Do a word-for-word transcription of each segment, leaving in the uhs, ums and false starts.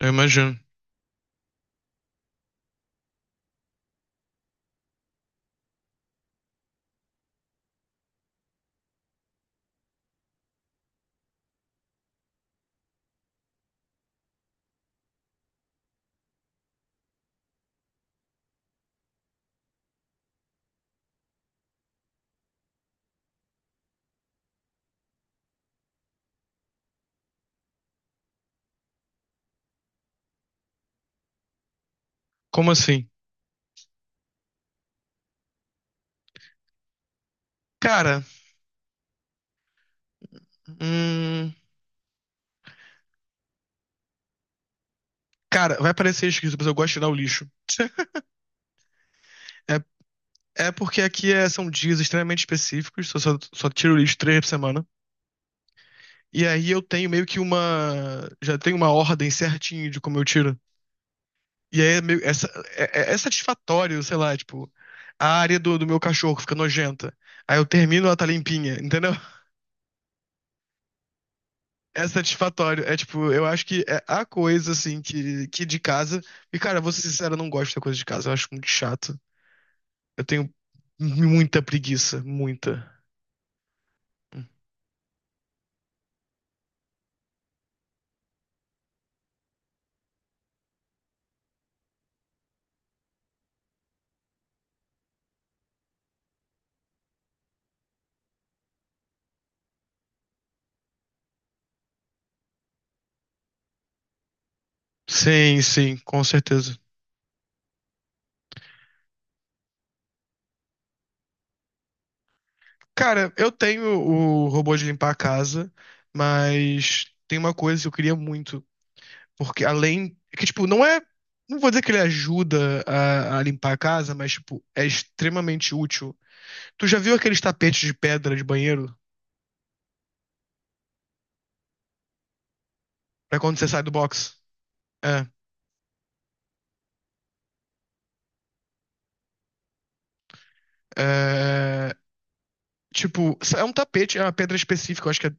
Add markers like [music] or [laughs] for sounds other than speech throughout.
Eu imagino. Como assim? Cara, hum, cara, vai parecer esquisito, mas eu gosto de tirar o lixo. É, é porque aqui é- são dias extremamente específicos, só, só, só tiro o lixo três por semana. E aí eu tenho meio que uma. Já tenho uma ordem certinho de como eu tiro. E aí é meio, é, sa- é- é- é satisfatório, sei lá, tipo, a área do, do meu cachorro fica nojenta. Aí eu termino, ela tá limpinha, entendeu? É satisfatório. É tipo, eu acho que é a coisa, assim, que, que de casa. E, cara, vou ser sincero, eu não gosto da coisa de casa. Eu acho muito chato. Eu tenho muita preguiça, muita. Sim, sim, com certeza. Cara, eu tenho o robô de limpar a casa, mas tem uma coisa que eu queria muito. Porque além. É que, tipo, não é. Não vou dizer que ele ajuda a, a limpar a casa, mas, tipo, é extremamente útil. Tu já viu aqueles tapetes de pedra de banheiro? Pra quando você sai do box? É. é, tipo, é um tapete, é uma pedra específica, eu acho que é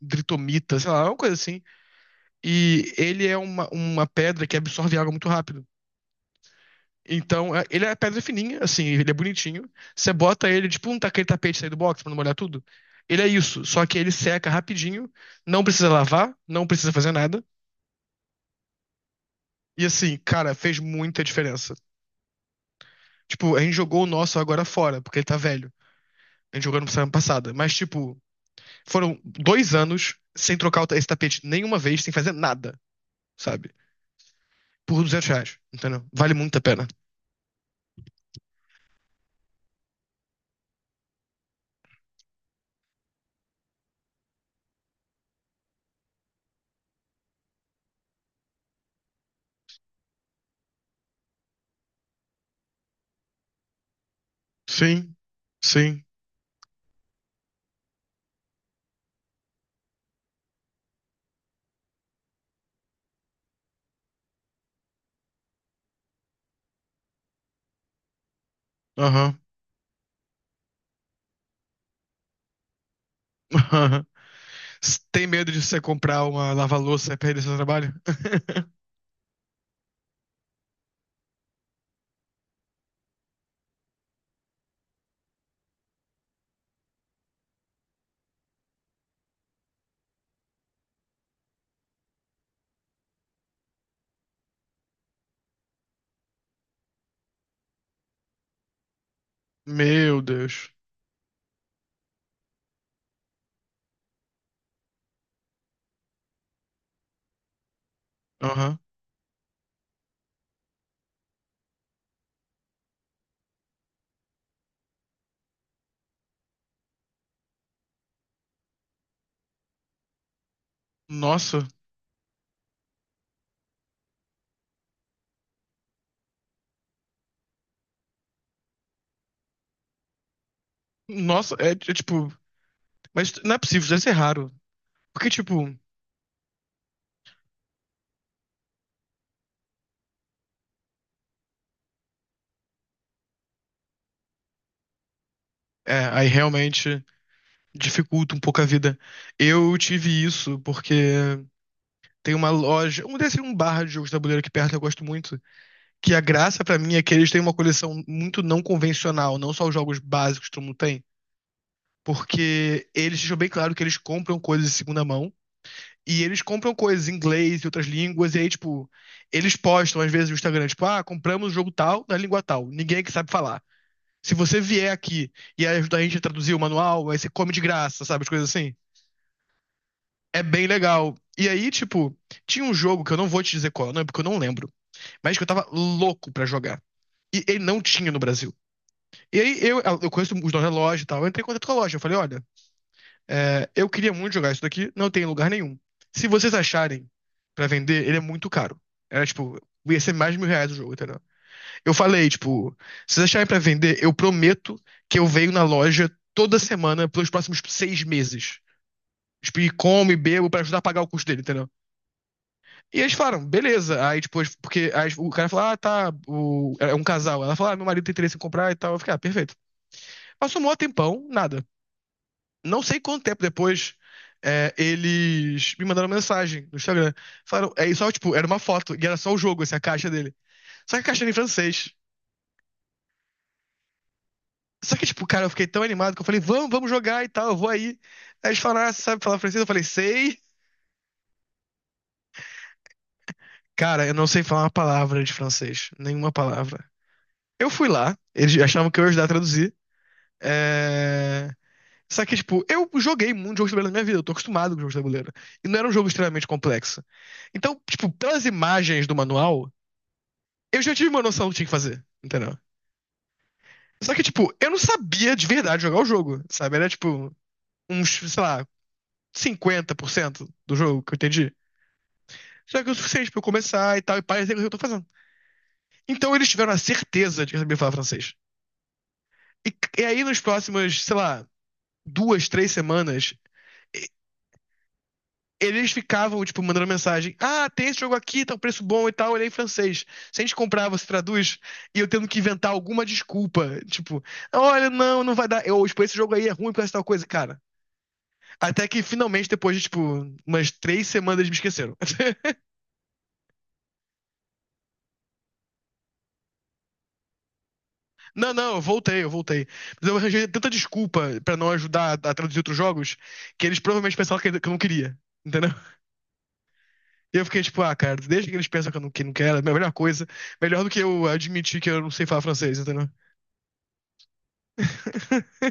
dritomita, sei lá, é uma coisa assim. E ele é uma, uma pedra que absorve água muito rápido. Então, é- ele é pedra fininha, assim, ele é bonitinho. Você bota ele, tipo um aquele tapete aí do box pra não molhar tudo. Ele é isso, só que ele seca rapidinho, não precisa lavar, não precisa fazer nada. E assim, cara, fez muita diferença. Tipo, a gente jogou o nosso agora fora, porque ele tá velho. A gente jogou no semana passada. Mas, tipo, foram dois anos sem trocar o ta- esse tapete nenhuma vez, sem fazer nada, sabe? Por duzentos reais, entendeu? Vale muito a pena. Sim, sim, aham. [laughs] S- Tem medo de você comprar uma lava-louça e perder seu trabalho? [laughs] Meu Deus. Aham. Nossa. Nossa, é, é tipo. Mas não é possível, deve ser raro. Porque, tipo, é, aí realmente dificulta um pouco a vida. Eu tive isso porque tem uma loja, um desse um bar de jogos de tabuleiro aqui perto que eu gosto muito. Que a graça pra mim é que eles têm uma coleção muito não convencional, não só os jogos básicos que todo mundo tem. Porque eles deixam bem claro que eles compram coisas de segunda mão. E eles compram coisas em inglês e outras línguas, e aí, tipo, eles postam às vezes no Instagram, tipo, ah, compramos o jogo tal na língua tal, ninguém é que sabe falar. Se você vier aqui e ajudar a gente a traduzir o manual, aí você come de graça, sabe? As coisas assim. É bem legal. E aí, tipo, tinha um jogo que eu não vou te dizer qual, não, porque eu não lembro, mas que eu tava louco pra jogar. E ele não tinha no Brasil. E aí eu, eu conheço os donos da loja e tal, eu entrei em contato com a loja, eu falei, olha. É, eu queria muito jogar isso daqui, não tem em lugar nenhum. Se vocês acharem pra vender, ele é muito caro. Era tipo, ia ser mais de mil reais o jogo, entendeu? Eu falei, tipo, se vocês acharem pra vender, eu prometo que eu venho na loja toda semana pelos próximos seis meses. Tipo, e como e bebo pra ajudar a pagar o custo dele, entendeu? E eles falaram, beleza. Aí depois, porque aí o cara falou, ah, tá, o... é um casal. Ela falou, ah, meu marido tem interesse em comprar e tal. Eu fiquei, ah, perfeito. Passou um maior tempão, nada. Não sei quanto tempo depois, é, eles me mandaram mensagem no Instagram. Falaram, é só, tipo, era uma foto, e era só o jogo, assim, a caixa dele. Só que a caixa era em francês. Só que, tipo, cara, eu fiquei tão animado que eu falei, vamos, vamos jogar e tal, eu vou aí. Aí eles falaram, ah, você sabe falar francês? Eu falei, sei. Cara, eu não sei falar uma palavra de francês. Nenhuma palavra. Eu fui lá, eles achavam que eu ia ajudar a traduzir. É... Só que, tipo, eu joguei muito jogo de tabuleiro na minha vida, eu tô acostumado com jogos de tabuleiro. E não era um jogo extremamente complexo. Então, tipo, pelas imagens do manual, eu já tive uma noção do que tinha que fazer, entendeu? Só que, tipo, eu não sabia de verdade jogar o jogo, sabe? Era, tipo, uns, sei lá, cinquenta por cento do jogo que eu entendi. Só que é o suficiente pra eu começar e tal, e parecer o que eu tô fazendo. Então eles tiveram a certeza de que eu sabia falar francês. E, e aí, nas próximas, sei lá, duas, três semanas, eles ficavam, tipo, mandando mensagem. Ah, tem esse jogo aqui, tá um preço bom e tal, ele é em francês. Se a gente comprar, você traduz? E eu tendo que inventar alguma desculpa. Tipo, olha, não, não vai dar. Eu, tipo, esse jogo aí é ruim por essa tal coisa, cara. Até que finalmente, depois de, tipo, umas três semanas, eles me esqueceram. [laughs] Não, não, eu voltei, eu voltei. Mas eu arranjei tanta desculpa pra não ajudar a traduzir outros jogos que eles provavelmente pensavam que que eu não queria. Entendeu? E eu fiquei tipo, ah, cara, desde que eles pensam que eu não, que não quero, é a melhor coisa. Melhor do que eu admitir que eu não sei falar francês, entendeu? [laughs]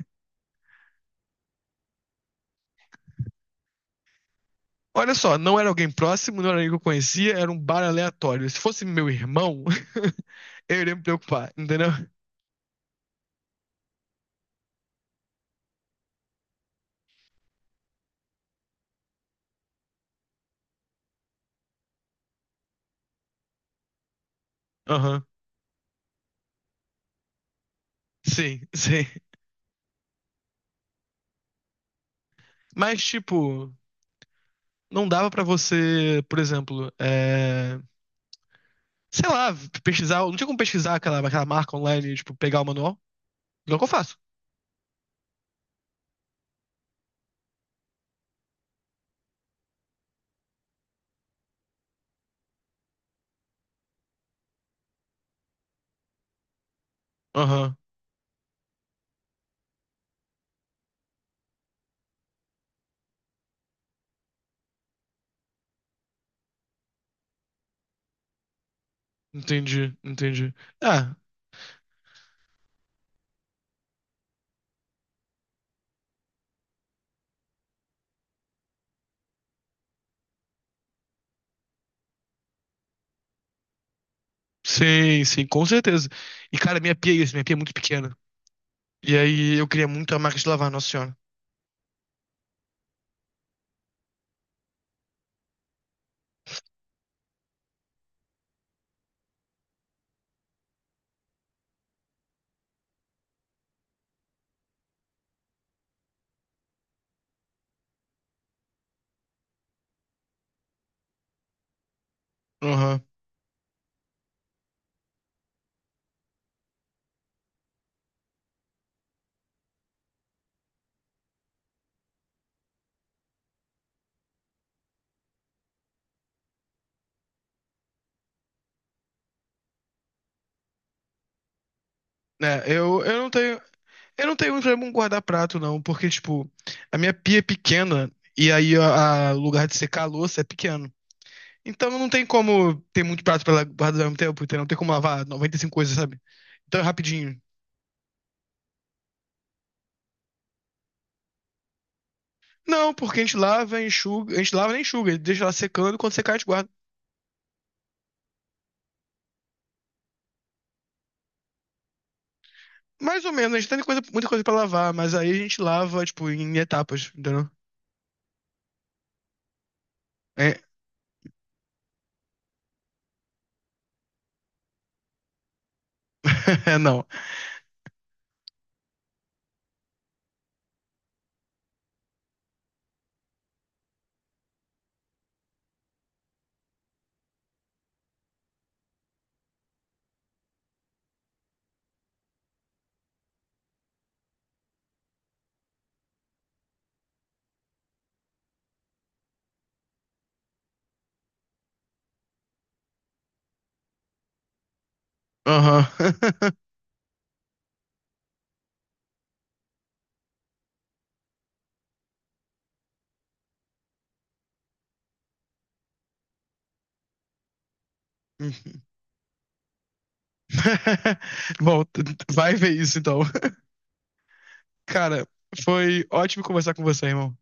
Olha só, não era alguém próximo, não era alguém que eu conhecia, era um bar aleatório. Se fosse meu irmão, [laughs] eu iria me preocupar, entendeu? Aham. Sim, [laughs] sim. Mas, tipo, não dava pra você, por exemplo, é... sei lá, pesquisar. Não tinha como pesquisar aquela, aquela marca online, tipo, pegar o manual. Não é o que eu faço. Aham, entendi, entendi. Ah, sim, sim, com certeza. E, cara, minha pia é isso, minha pia é muito pequena. E aí eu queria muito a marca de lavar, Nossa Senhora. Aham. É, eu, eu não tenho. Eu não tenho muito problema com guardar prato, não, porque, tipo, a minha pia é pequena e aí a- a- o lugar de secar a louça é pequeno. Então não tem como ter muito prato pra guardar ao mesmo tempo, entendeu? Não tem como lavar noventa e cinco coisas, sabe? Então é rapidinho. Não, porque a gente lava, enxuga, a gente lava nem enxuga, deixa lá secando, quando secar a gente guarda. Mais ou menos, a gente tem coisa, muita coisa pra lavar, mas aí a gente lava, tipo, em etapas, entendeu? É, [laughs] é, não. Aham. [laughs] Bom, vai ver isso então. Cara, foi ótimo conversar com você, irmão.